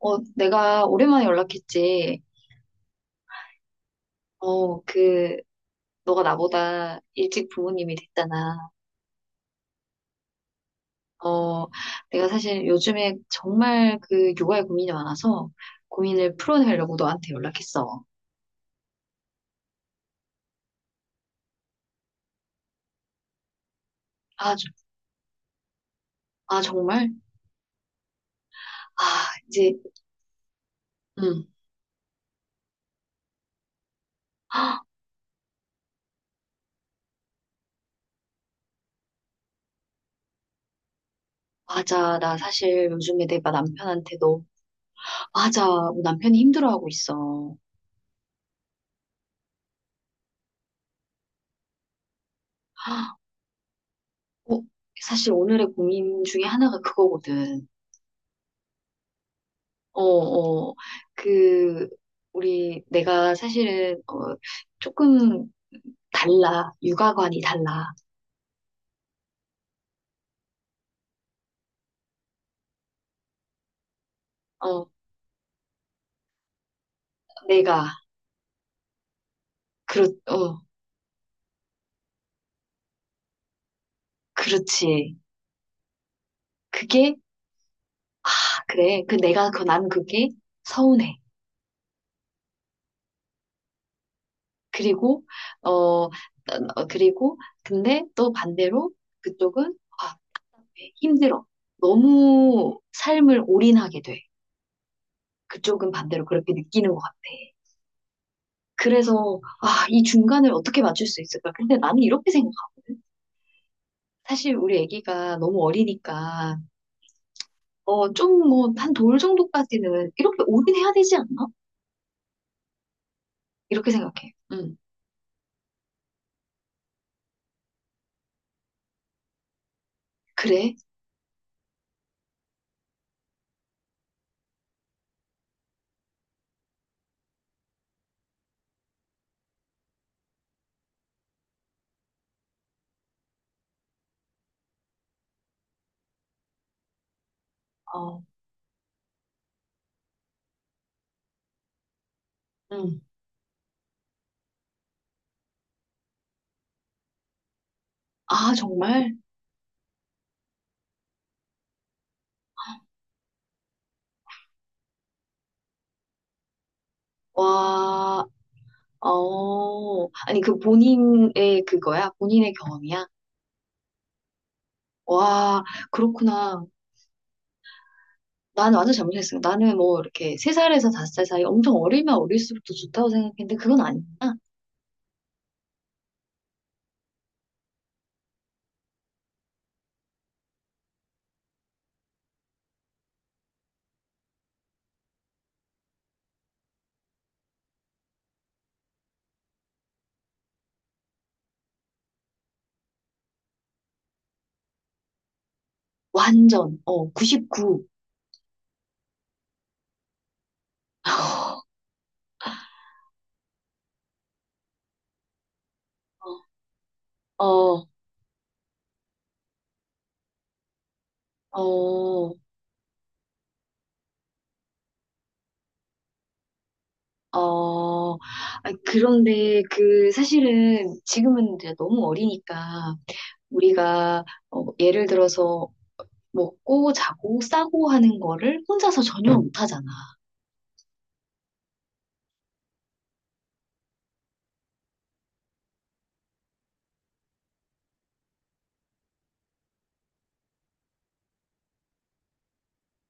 내가 오랜만에 연락했지. 어, 그, 너가 나보다 일찍 부모님이 됐잖아. 어, 내가 사실 요즘에 정말 그 육아에 고민이 많아서 고민을 풀어내려고 너한테 연락했어. 아, 아, 정말? 아, 이제, 응, 맞아. 나 사실 요즘에 내가 남편한테 너, 맞아. 우리 남편이 힘들어하고 있어. 어, 사실 오늘의 고민 중에 하나가 그거거든. 어, 어, 그, 우리, 내가 사실은, 조금 달라. 육아관이 달라. 어, 내가, 그렇, 어, 그렇지. 그게, 아, 그래. 그 내가, 그, 난 그게 서운해. 그리고, 어, 그리고, 근데 또 반대로 그쪽은, 아, 힘들어. 너무 삶을 올인하게 돼. 그쪽은 반대로 그렇게 느끼는 것 같아. 그래서, 아, 이 중간을 어떻게 맞출 수 있을까? 근데 나는 이렇게 생각하거든. 사실 우리 아기가 너무 어리니까, 좀 뭐, 한 돌 정도까지는 이렇게 올인해야 되지 않나? 이렇게 생각해. 응. 그래? 어, 응. 아, 정말? 와, 아니, 그 본인의 그거야? 본인의 경험이야? 와, 그렇구나. 나는 완전 잘못했어요. 나는 뭐 이렇게 세살에서 5살 사이 엄청 어리면 어릴수록 더 좋다고 생각했는데 그건 아니구나. 완전, 99. 어, 어, 어. 아, 그런데 그 사실은 지금은 이제 너무 어리니까 우리가 예를 들어서 먹고 자고 싸고 하는 거를 혼자서 전혀 못 하잖아.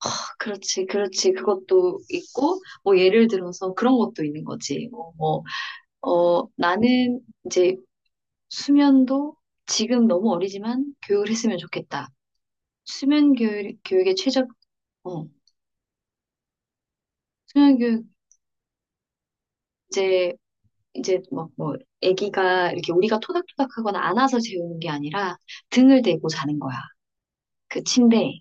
아, 그렇지, 그렇지. 그것도 있고 뭐 예를 들어서 그런 것도 있는 거지. 뭐, 뭐, 나는 이제 수면도 지금 너무 어리지만 교육을 했으면 좋겠다. 수면 교육, 교육의 최적, 어, 수면 교육 이제 이제 막 뭐 아기가 이렇게 우리가 토닥토닥하거나 안아서 재우는 게 아니라 등을 대고 자는 거야. 그 침대에.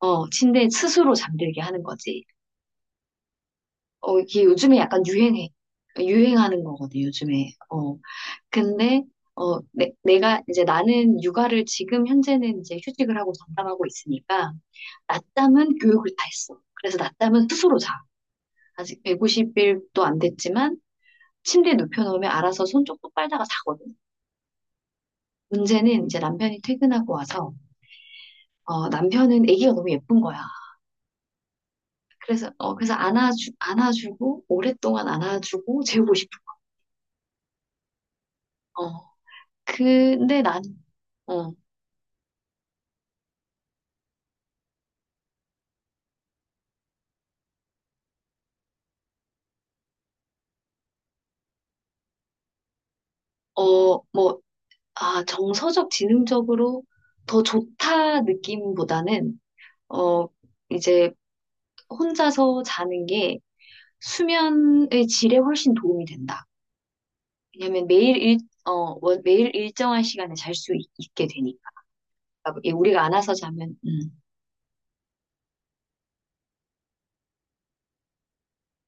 침대에 스스로 잠들게 하는 거지. 이게 요즘에 약간 유행해. 유행하는 거거든, 요즘에. 근데 내가 이제 나는 육아를 지금 현재는 이제 휴직을 하고 전담하고 있으니까 낮잠은 교육을 다 했어. 그래서 낮잠은 스스로 자. 아직 150일도 안 됐지만 침대에 눕혀놓으면 알아서 손 쪽 똑 빨다가 자거든. 문제는 이제 남편이 퇴근하고 와서 남편은 아기가 너무 예쁜 거야. 그래서 안아주고 오랫동안 안아주고 재우고 싶은 거야. 어. 근데 난 어, 뭐, 아, 정서적, 지능적으로 더 좋다 느낌보다는, 어, 이제 혼자서 자는 게 수면의 질에 훨씬 도움이 된다. 왜냐면 매일 일, 어, 월- 매일 일정한 시간에 잘 수 있게 되니까. 그러니까 이게 우리가 안아서 자면,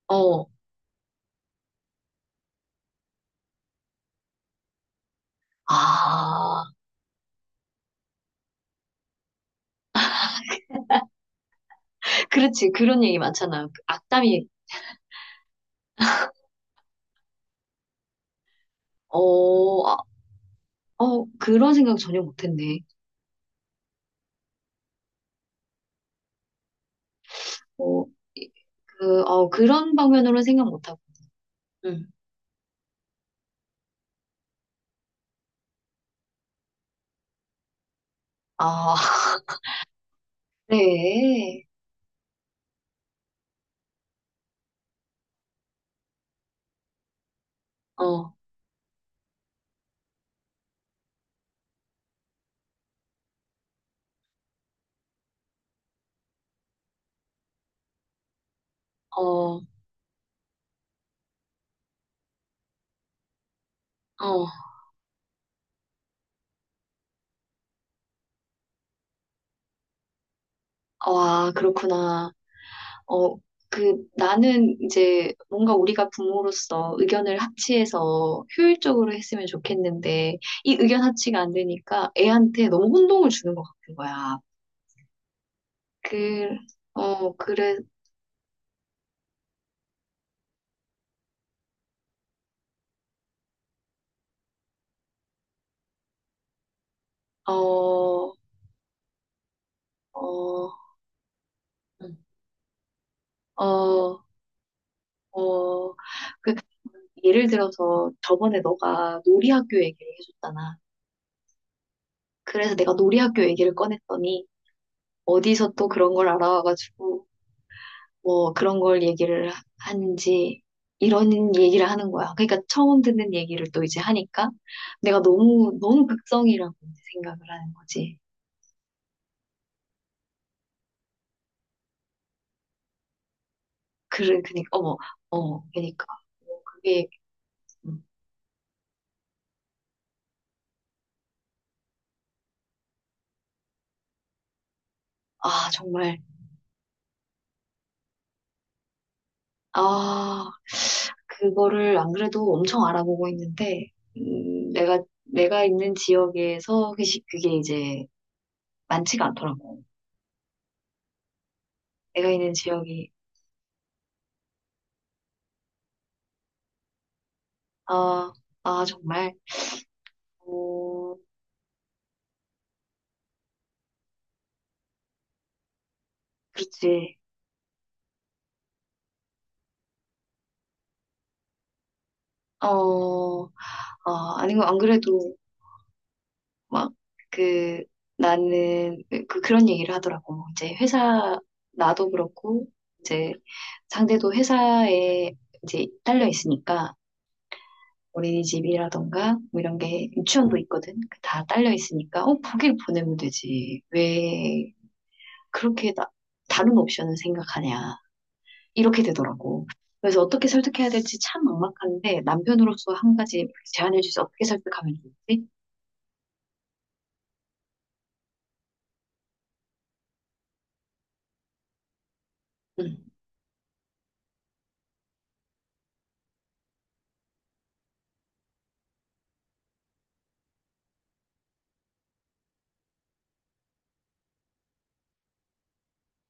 어, 아, 그렇지. 그런 얘기 많잖아. 그 악담이, 어, 아, 그런 생각 전혀 못했네. 어, 이- 그런 방면으로는 생각 못하고. 응. 아, 그래. 어, 어, 어, 와, 그렇구나. 어, 나는 이제 뭔가 우리가 부모로서 의견을 합치해서 효율적으로 했으면 좋겠는데, 이 의견 합치가 안 되니까 애한테 너무 혼동을 주는 것 같은 거야. 그, 그래. 어, 어, 응, 어, 어, 그, 예를 들어서 저번에 너가 놀이학교 얘기를 해줬잖아. 그래서 내가 놀이학교 얘기를 꺼냈더니 어디서 또 그런 걸 알아와가지고 뭐 그런 걸 얘기를 하는지 이런 얘기를 하는 거야. 그러니까 처음 듣는 얘기를 또 이제 하니까 내가 너무 너무 극성이라고 이제 생각을 하는 거지. 그래, 그니까 어머, 그니까 뭐 그게 음, 아, 정말. 아, 그거를 안 그래도 엄청 알아보고 있는데, 내가 있는 지역에서 그게 이제 많지가 않더라고. 내가 있는 지역이, 아, 아, 정말, 어, 그렇지. 어, 아, 아니고, 안 그래도 막, 그, 나는, 그, 그런 얘기를 하더라고. 이제 회사, 나도 그렇고, 이제 상대도 회사에 이제 딸려 있으니까, 어린이집이라던가 뭐 이런 게 유치원도 있거든. 그 다 딸려 있으니까 거길 보내면 되지. 왜 그렇게 나, 다른 옵션을 생각하냐. 이렇게 되더라고. 그래서 어떻게 설득해야 될지 참 막막한데 남편으로서 한 가지 제안해 주세요. 어떻게 설득하면 좋지? 음.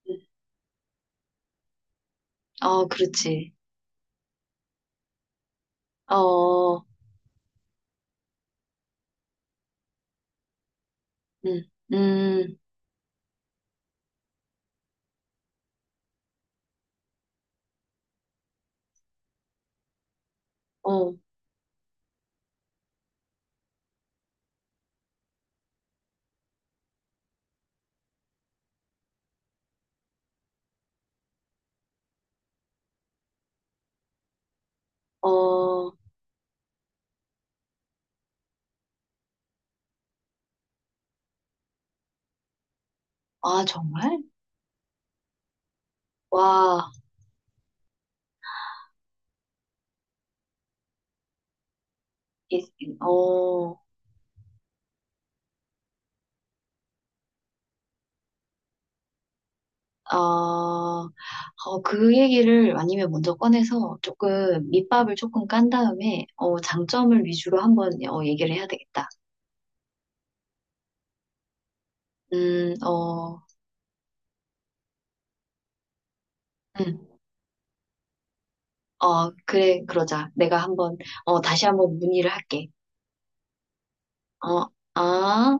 음. 어, 그렇지. 어, 음, 음, 어, 어, 아, 정말? 와, 이, 이- 어. 어, 어, 그 얘기를 아니면 먼저 꺼내서 조금 밑밥을 조금 깐 다음에 장점을 위주로 한번 얘기를 해야 되겠다. 음, 어, 음, 그래, 그러자. 내가 한번 다시 한번 문의를 할게. 어, 아.